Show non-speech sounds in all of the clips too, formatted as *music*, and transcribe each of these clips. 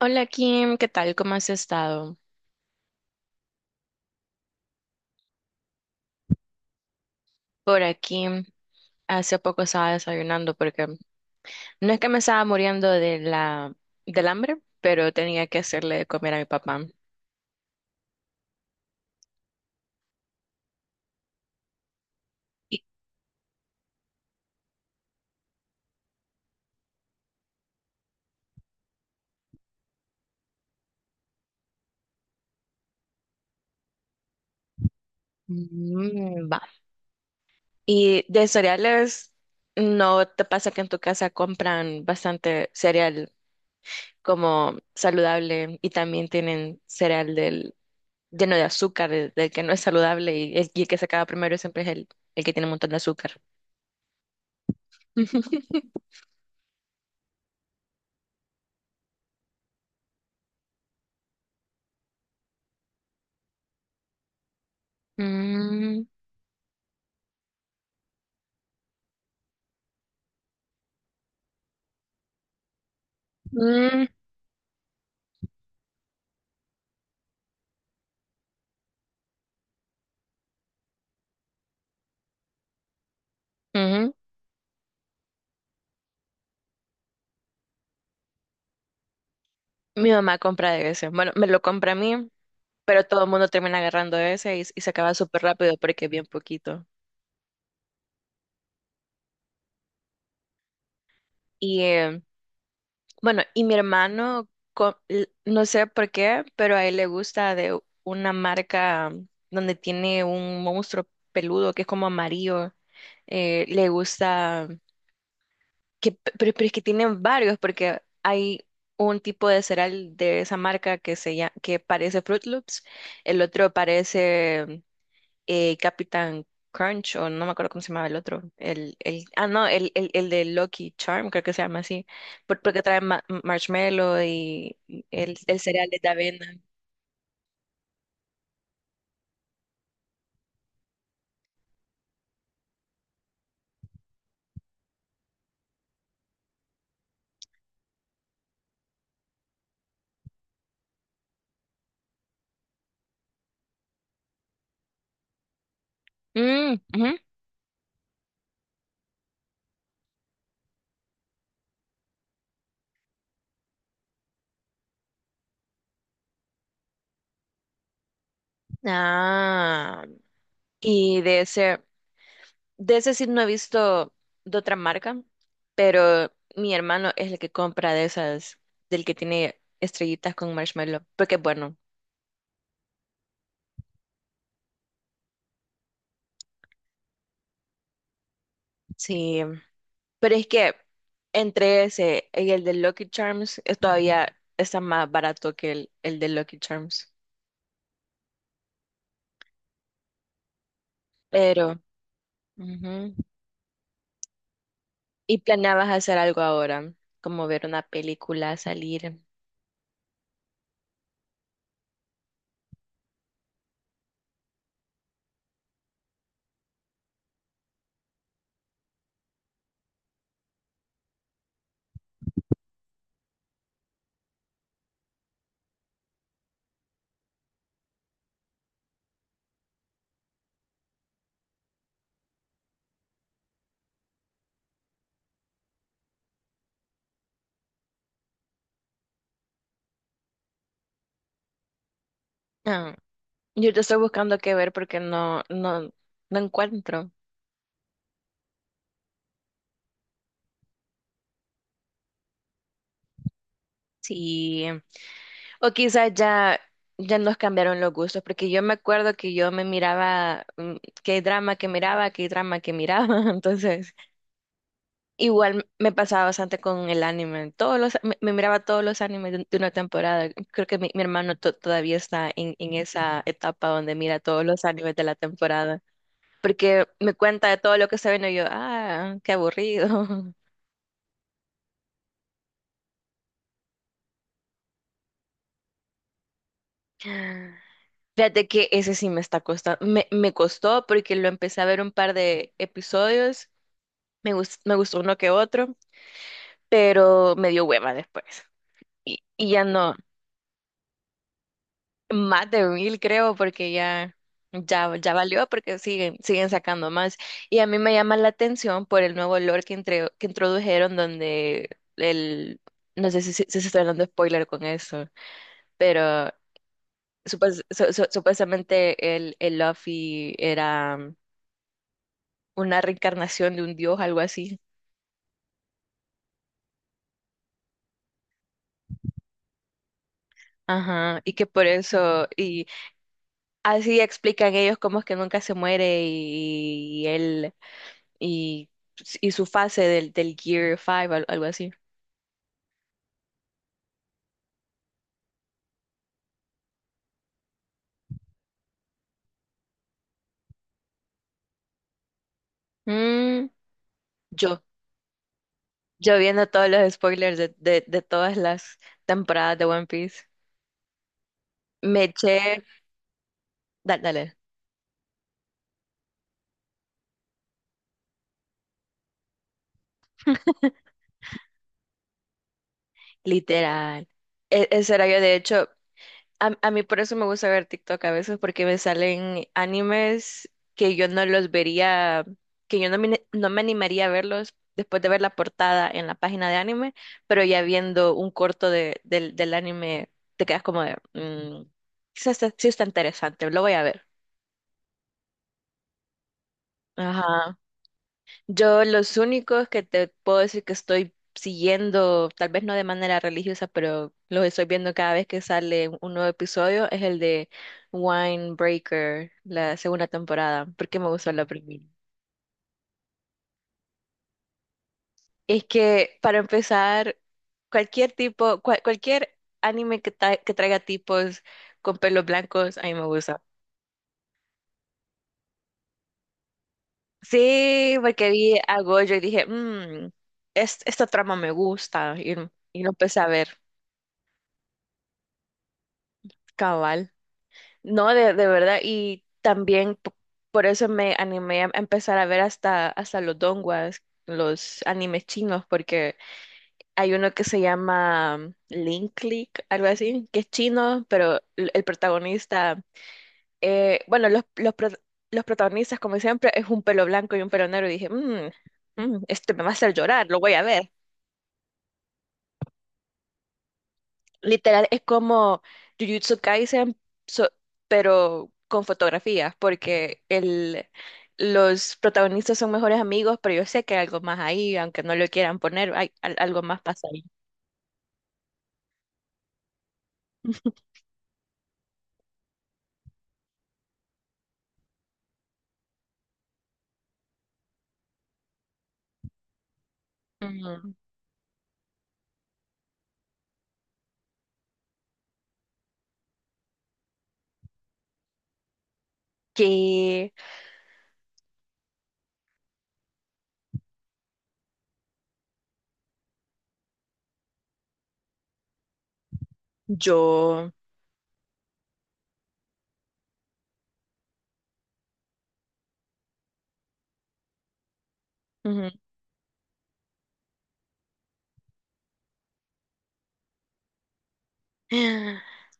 Hola Kim, ¿qué tal? ¿Cómo has estado? Por aquí hace poco estaba desayunando porque no es que me estaba muriendo de la del hambre, pero tenía que hacerle de comer a mi papá. Y, mm, va. Y de cereales, ¿no te pasa que en tu casa compran bastante cereal como saludable y también tienen cereal del lleno de azúcar, del que no es saludable y el que se acaba primero siempre es el que tiene un montón de azúcar? *laughs* Mm, mm, ujú. Mi mamá compra de ese. Bueno, me lo compra a mí, pero todo el mundo termina agarrando ese y se acaba súper rápido porque es bien poquito. Y bueno, y mi hermano, no sé por qué, pero a él le gusta de una marca donde tiene un monstruo peludo que es como amarillo. Le gusta, que, pero es que tienen varios porque hay un tipo de cereal de esa marca que, se llama, que parece Fruit Loops, el otro parece... Capitán Crunch, o no me acuerdo cómo se llamaba el otro, ah, no, el de Lucky Charm, creo que se llama así, porque trae marshmallow y el cereal es de avena. Mm, ujú. Ah, y de ese sí no he visto de otra marca, pero mi hermano es el que compra de esas, del que tiene estrellitas con marshmallow, porque es bueno, sí. Pero es que entre ese y el de Lucky Charms es todavía está más barato que el de Lucky Charms. Pero, ujú. ¿Y planeabas hacer algo ahora? Como ver una película, salir. Ah, yo te estoy buscando qué ver porque no encuentro. Sí. O quizás ya, ya nos cambiaron los gustos, porque yo me acuerdo que yo me miraba, mm, qué drama que miraba, qué drama que miraba, *laughs* entonces. Igual me pasaba bastante con el anime. Todos los, me miraba todos los animes de una temporada. Creo que mi hermano todavía está en esa etapa donde mira todos los animes de la temporada. Porque me cuenta de todo lo que está viendo y yo, ah, qué aburrido. *laughs* Fíjate que ese sí me está costando. Me costó porque lo empecé a ver un par de episodios. Me, me gustó uno que otro, pero me dio hueva después. Y ya no. Más de mil, creo, porque ya, ya, ya valió, porque siguen, siguen sacando más. Y a mí me llama la atención por el nuevo lore que, que introdujeron, donde el, no sé si, si se está dando spoiler con eso, pero supuestamente el Luffy era una reencarnación de un dios, algo así. Ajá, y que por eso, y así explican ellos cómo es que nunca se muere y él y, y su fase del, del Gear 5, algo así. Mm, yo, yo viendo todos los spoilers de todas las temporadas de One Piece, me eché, dale, literal. Ese era yo, de hecho. A mí por eso me gusta ver TikTok a veces porque me salen animes que yo no los vería, que yo no me, no me animaría a verlos después de ver la portada en la página de anime, pero ya viendo un corto de, del, del anime te quedas como de, "Mm, quizás sí está interesante, lo voy a ver". Ajá. Yo los únicos que te puedo decir que estoy siguiendo, tal vez no de manera religiosa, pero los estoy viendo cada vez que sale un nuevo episodio, es el de Breaker, la segunda temporada, porque me gustó la primera. Es que para empezar, cualquier tipo, cualquier anime que, que traiga tipos con pelos blancos, a mí me gusta. Sí, porque vi a Gojo y dije, mmm, esta trama me gusta, y lo empecé a ver, cabal. No, de verdad, y también por eso me animé a empezar a ver hasta, hasta los donguas, los animes chinos, porque hay uno que se llama mm, Link Click, algo así, que es chino, pero el protagonista, bueno, los protagonistas, como siempre, es un pelo blanco y un pelo negro, y dije, "Mm, mm, este me va a hacer llorar, lo voy a ver". Literal, es como Jujutsu Kaisen, so- pero con fotografías, porque el, los protagonistas son mejores amigos, pero yo sé que hay algo más ahí, aunque no lo quieran poner, hay, algo más pasa ahí. Mm, que yo, ujú,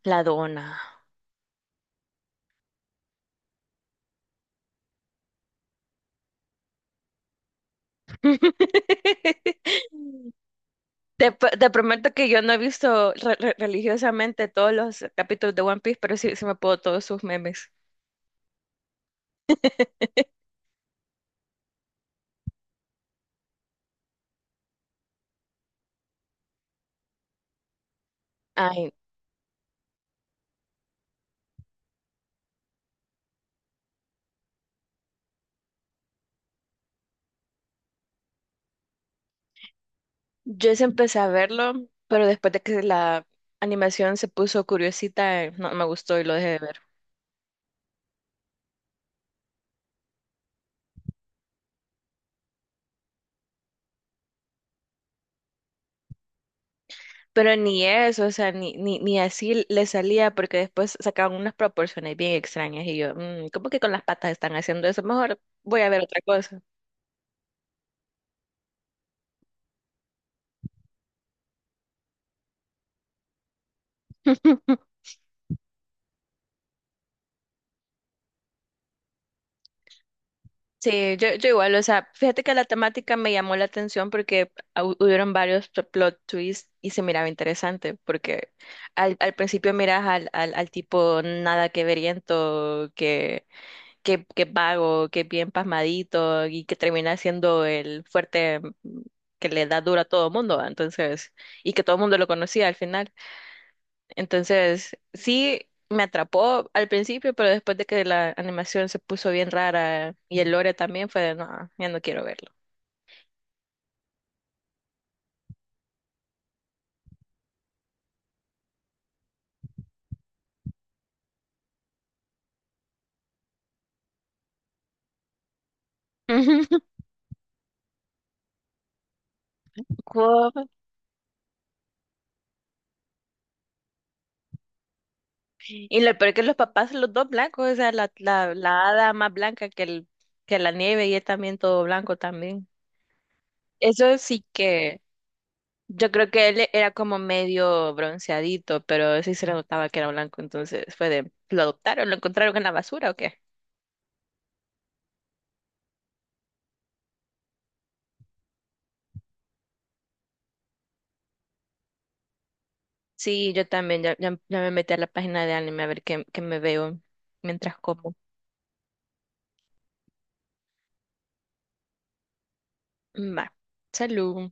la dona. *laughs* Te, te prometo que yo no he visto religiosamente todos los capítulos de One Piece, pero sí, sí me puedo todos sus memes. *laughs* Ay, yo sí empecé a verlo, pero después de que la animación se puso curiosita, no me gustó y lo dejé de ver. Pero ni eso, o sea, ni, ni, ni así le salía, porque después sacaban unas proporciones bien extrañas y yo, "Mm, ¿cómo que con las patas están haciendo eso? Mejor voy a ver otra cosa". Sí, yo igual, o sea, fíjate que la temática me llamó la atención porque hubieron varios plot twists y se miraba interesante, porque al, al principio miras al, al, al tipo nada que veriento que qué, qué vago, qué bien pasmadito y que termina siendo el fuerte mm, que le da duro a todo mundo, ¿va? Entonces, y que todo el mundo lo conocía al final. Entonces, sí me atrapó al principio, pero después de que la animación se puso bien rara y el lore también fue de, no, ya no quiero verlo. *laughs* Wow. Y lo peor que los papás, los dos blancos, o sea, la hada más blanca que, el, que la nieve y él también todo blanco también. Eso sí que... Yo creo que él era como medio bronceadito, pero sí se le notaba que era blanco, entonces fue de, ¿lo adoptaron? ¿Lo encontraron en la basura o qué? Sí, yo también, ya, ya, ya me metí a la página de anime a ver qué, qué me veo mientras como. Va, salud.